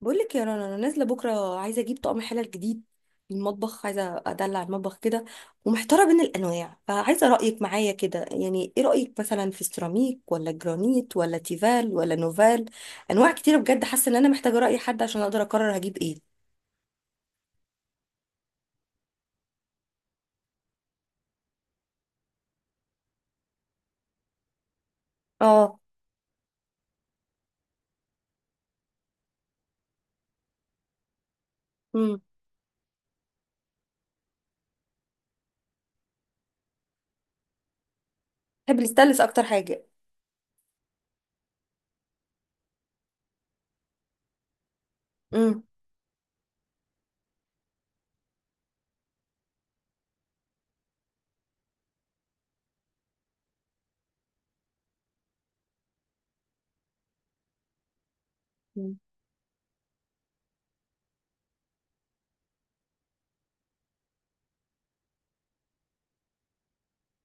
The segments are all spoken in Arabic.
بقول لك يا رنا، انا نازله بكره، عايزه اجيب طقم حلل جديد. المطبخ عايزه ادلع المطبخ كده. ومحتاره بين الانواع، فعايزه رايك معايا كده. يعني ايه رايك مثلا في السيراميك ولا جرانيت ولا تيفال ولا نوفال؟ انواع كتيره بجد، حاسه ان انا محتاجه راي حد عشان اقدر اقرر هجيب ايه. اه. امم بحب الستانلس اكتر حاجه. امم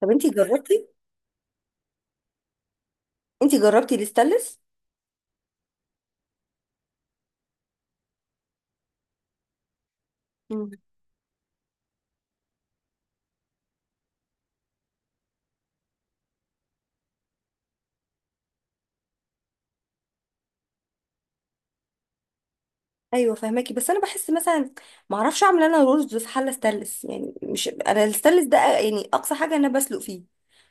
طب انتي جربتي؟ انتي جربتي الستانلس؟ ايوه فهماكي، بس انا بحس مثلا ما اعرفش اعمل انا رز في حله ستانلس. يعني مش انا الستانلس ده يعني اقصى حاجه انا بسلق فيه.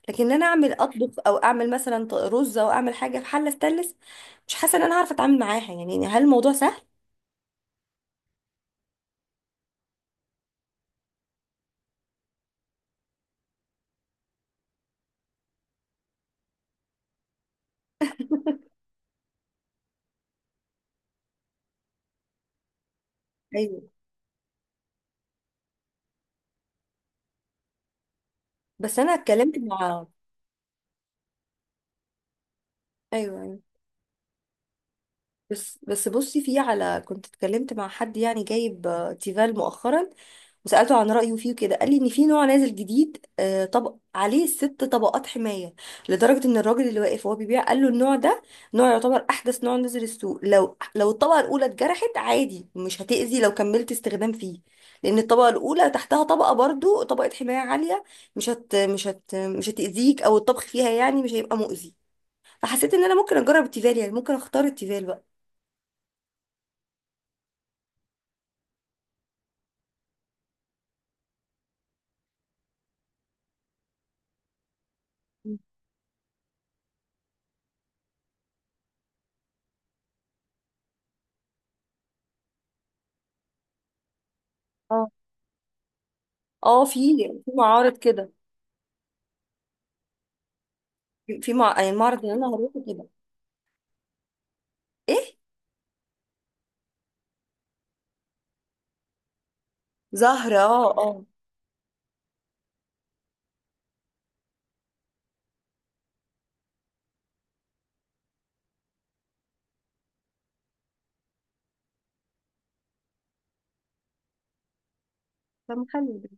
لكن انا اعمل اطبخ او اعمل مثلا رز او اعمل حاجه في حله ستانلس، مش حاسه ان انا عارفه اتعامل معاها. يعني هل الموضوع سهل؟ ايوه. بس انا اتكلمت مع، ايوه يعني. بس بصي في على، كنت اتكلمت مع حد يعني جايب تيفال مؤخرا، وسألته عن رأيه فيه كده، قال لي ان في نوع نازل جديد طبق عليه ست طبقات حماية، لدرجة ان الراجل اللي واقف وهو بيبيع قال له النوع ده نوع يعتبر احدث نوع نزل السوق. لو الطبقة الاولى اتجرحت عادي مش هتأذي لو كملت استخدام فيه، لان الطبقة الاولى تحتها طبقة، برضو طبقة حماية عالية، مش هتأذيك او الطبخ فيها يعني مش هيبقى مؤذي. فحسيت ان انا ممكن اجرب التيفال، يعني ممكن اختار التيفال بقى. اه اه، في في معارض كده، يعني المعرض اللي انا هروحه كده. ايه، زهرة، اه اه. طب حلو ده،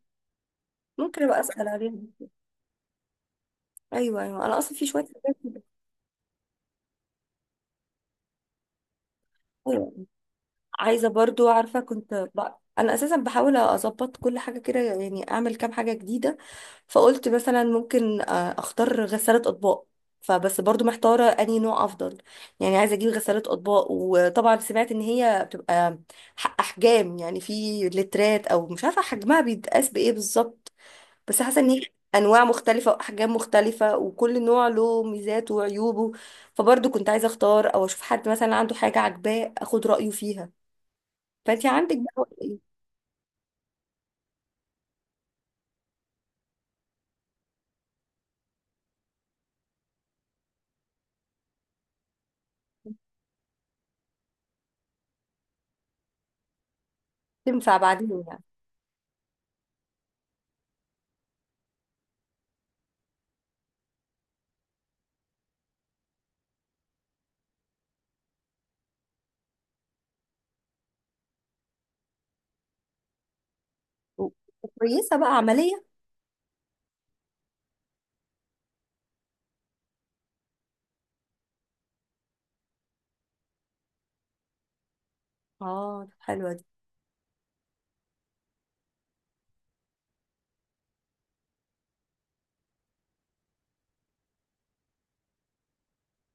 ممكن ابقى اسال عليها. ايوه ايوه، انا اصلا في شويه حاجات كده. أيوة. عايزه برضو، عارفه كنت انا اساسا بحاول اظبط كل حاجه كده، يعني اعمل كام حاجه جديده. فقلت مثلا ممكن اختار غساله اطباق، فبس برضو محتاره انهي نوع افضل. يعني عايزه اجيب غساله اطباق، وطبعا سمعت ان هي بتبقى احجام، يعني في لترات او مش عارفه حجمها بيتقاس بايه بالظبط. بس حاسه ان هي انواع مختلفه واحجام مختلفه، وكل نوع له ميزاته وعيوبه. فبرضو كنت عايزه اختار او اشوف حد مثلا عنده حاجه عاجباه اخد رايه فيها. فانت عندك بقى ايه؟ تنفع بعدين يعني. و- وكويسه بقى عمليه؟ اه. طب حلوه دي.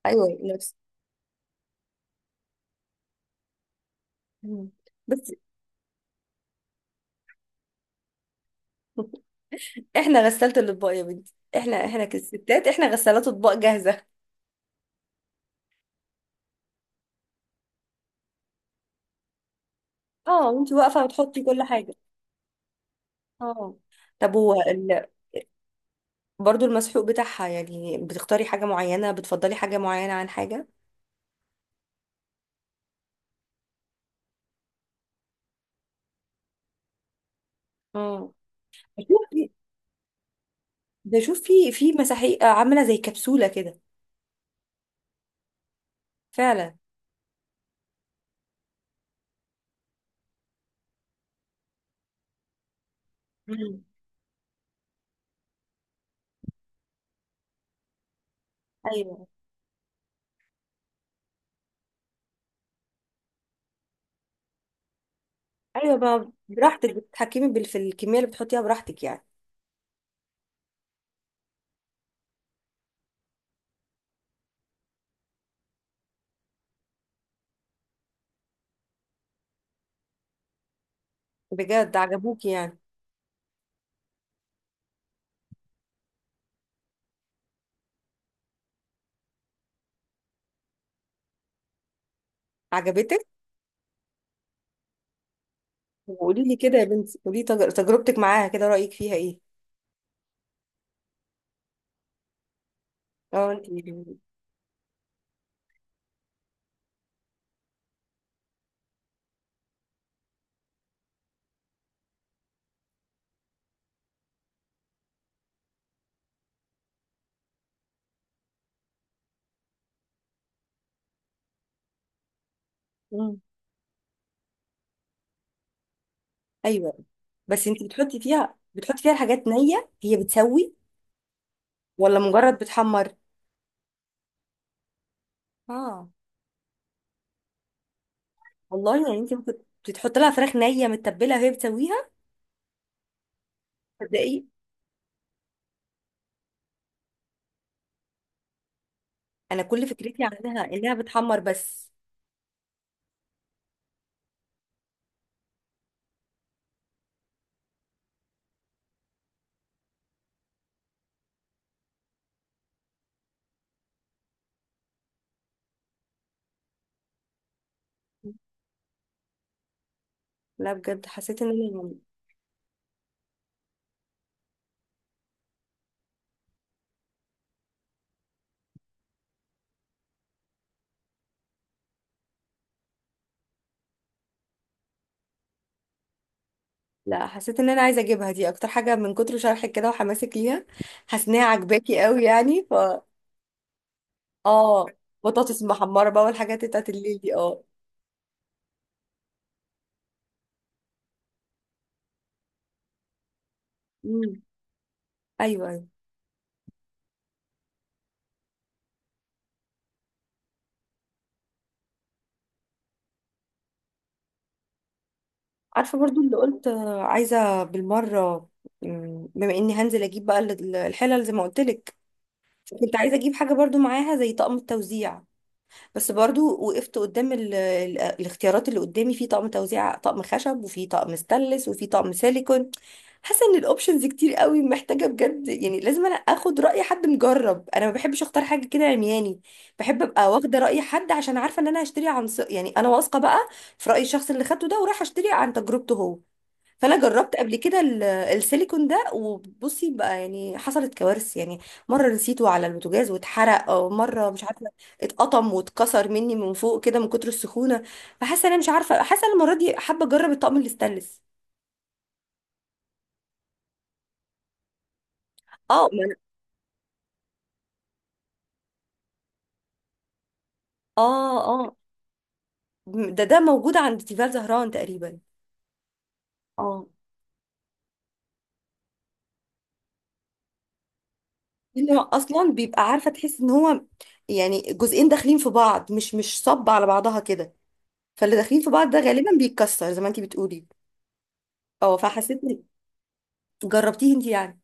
ايوه نفس. مم. بس احنا غسالة الاطباق يا بنتي، احنا كستات، احنا غسالات اطباق جاهزه. اه، وانت واقفه بتحطي كل حاجه. اه. طب هو برضو المسحوق بتاعها، يعني بتختاري حاجه معينه؟ بتفضلي حاجه معينه عن حاجه؟ اه. بشوف في- بشوف في في مساحيق عامله زي كبسوله كده. فعلا. مم. ايوه ايوه، بقى براحتك بتتحكمي في الكميه اللي بتحطيها براحتك يعني. بجد عجبوكي يعني؟ عجبتك؟ وقولي لي كده يا بنتي، قولي تجربتك معاها كده، رايك فيها ايه؟ اه انت. مم. ايوه، بس انت بتحطي فيها بتحطي فيها الحاجات نيه، هي بتسوي ولا مجرد بتحمر؟ اه والله، يعني انت ممكن بتحط لها فراخ نيه متبله وهي بتسويها؟ تصدقي، انا كل فكرتي عنها انها بتحمر بس. لا بجد، حسيت ان انا يعني، لا حسيت ان انا عايزه اجيبها دي اكتر حاجه من كتر شرحك كده وحماسك ليها. حاسه انها عجباكي قوي يعني ف، اه، بطاطس محمره بقى والحاجات بتاعت الليل دي اه. امم ايوه ايوه. عارفه برضو اللي قلت عايزه بالمره، بما اني هنزل اجيب بقى الحلل زي ما قلت لك، كنت عايزه اجيب حاجه برضو معاها زي طقم التوزيع. بس برضو وقفت قدام الاختيارات اللي قدامي: في طقم توزيع طقم خشب، وفي طقم ستانلس، وفي طقم سيليكون. حاسه ان الاوبشنز كتير قوي، محتاجه بجد يعني لازم انا اخد راي حد مجرب. انا ما بحبش اختار حاجه كده عمياني، بحب ابقى واخده راي حد عشان عارفه ان انا هشتري عن يعني انا واثقه بقى في راي الشخص اللي خدته ده، ورايحه اشتري عن تجربته هو. فانا جربت قبل كده السيليكون ده، وبصي بقى يعني حصلت كوارث يعني. مره نسيته على البوتاجاز واتحرق، او مره مش عارفه اتقطم واتكسر مني من فوق كده من كتر السخونه. فحاسه انا مش عارفه، حاسه أنا المره دي حابه اجرب الطقم الستانلس. اه، ما أنا- اه اه. ده ده موجود عند تيفال زهران تقريبا. اه، انه اصلا بيبقى عارفه، تحس ان هو يعني جزئين داخلين في بعض، مش صب على بعضها كده. فاللي داخلين في بعض ده غالبا بيتكسر زي ما انتي بتقولي. اه، فحسيت. جربتيه انت يعني؟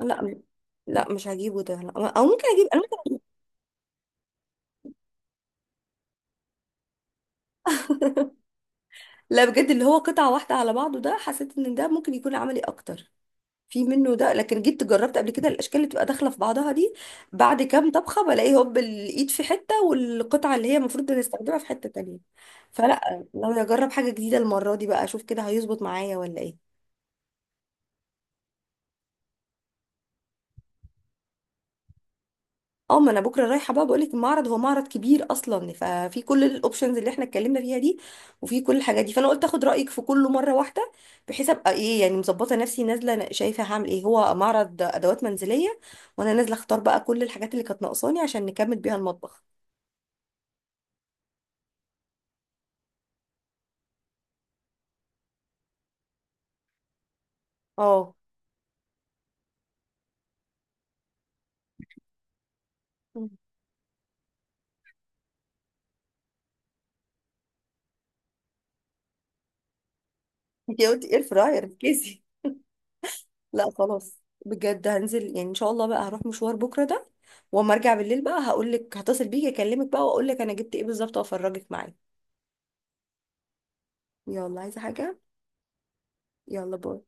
لا لا، مش هجيبه ده لا. او ممكن اجيب، أنا ممكن... لا بجد، اللي هو قطعه واحده على بعضه ده، حسيت ان ده ممكن يكون عملي اكتر، في منه ده. لكن جيت جربت قبل كده الاشكال اللي بتبقى داخله في بعضها دي، بعد كام طبخه بلاقي هوب الايد في حته والقطعه اللي هي المفروض نستخدمها في حته تانية. فلا، لو اجرب حاجه جديده المره دي بقى، اشوف كده هيظبط معايا ولا ايه. اه ما انا بكره رايحه بقى، بقول لك المعرض هو معرض كبير اصلا، ففي كل الاوبشنز اللي احنا اتكلمنا فيها دي، وفي كل الحاجات دي، فانا قلت اخد رايك في كله مره واحده، بحيث ابقى ايه يعني مظبطه نفسي نازله شايفه هعمل ايه. هو معرض ادوات منزليه، وانا نازله اختار بقى كل الحاجات اللي كانت ناقصاني عشان نكمل بيها المطبخ. اه، انت قلتي اير فراير، ركزي. لا خلاص بجد، هنزل يعني ان شاء الله بقى، هروح مشوار بكره ده، واما ارجع بالليل بقى هقول لك، هتصل بيكي اكلمك بقى واقول لك انا جبت ايه بالظبط وافرجك معايا. يلا، عايزه حاجه؟ يلا باي.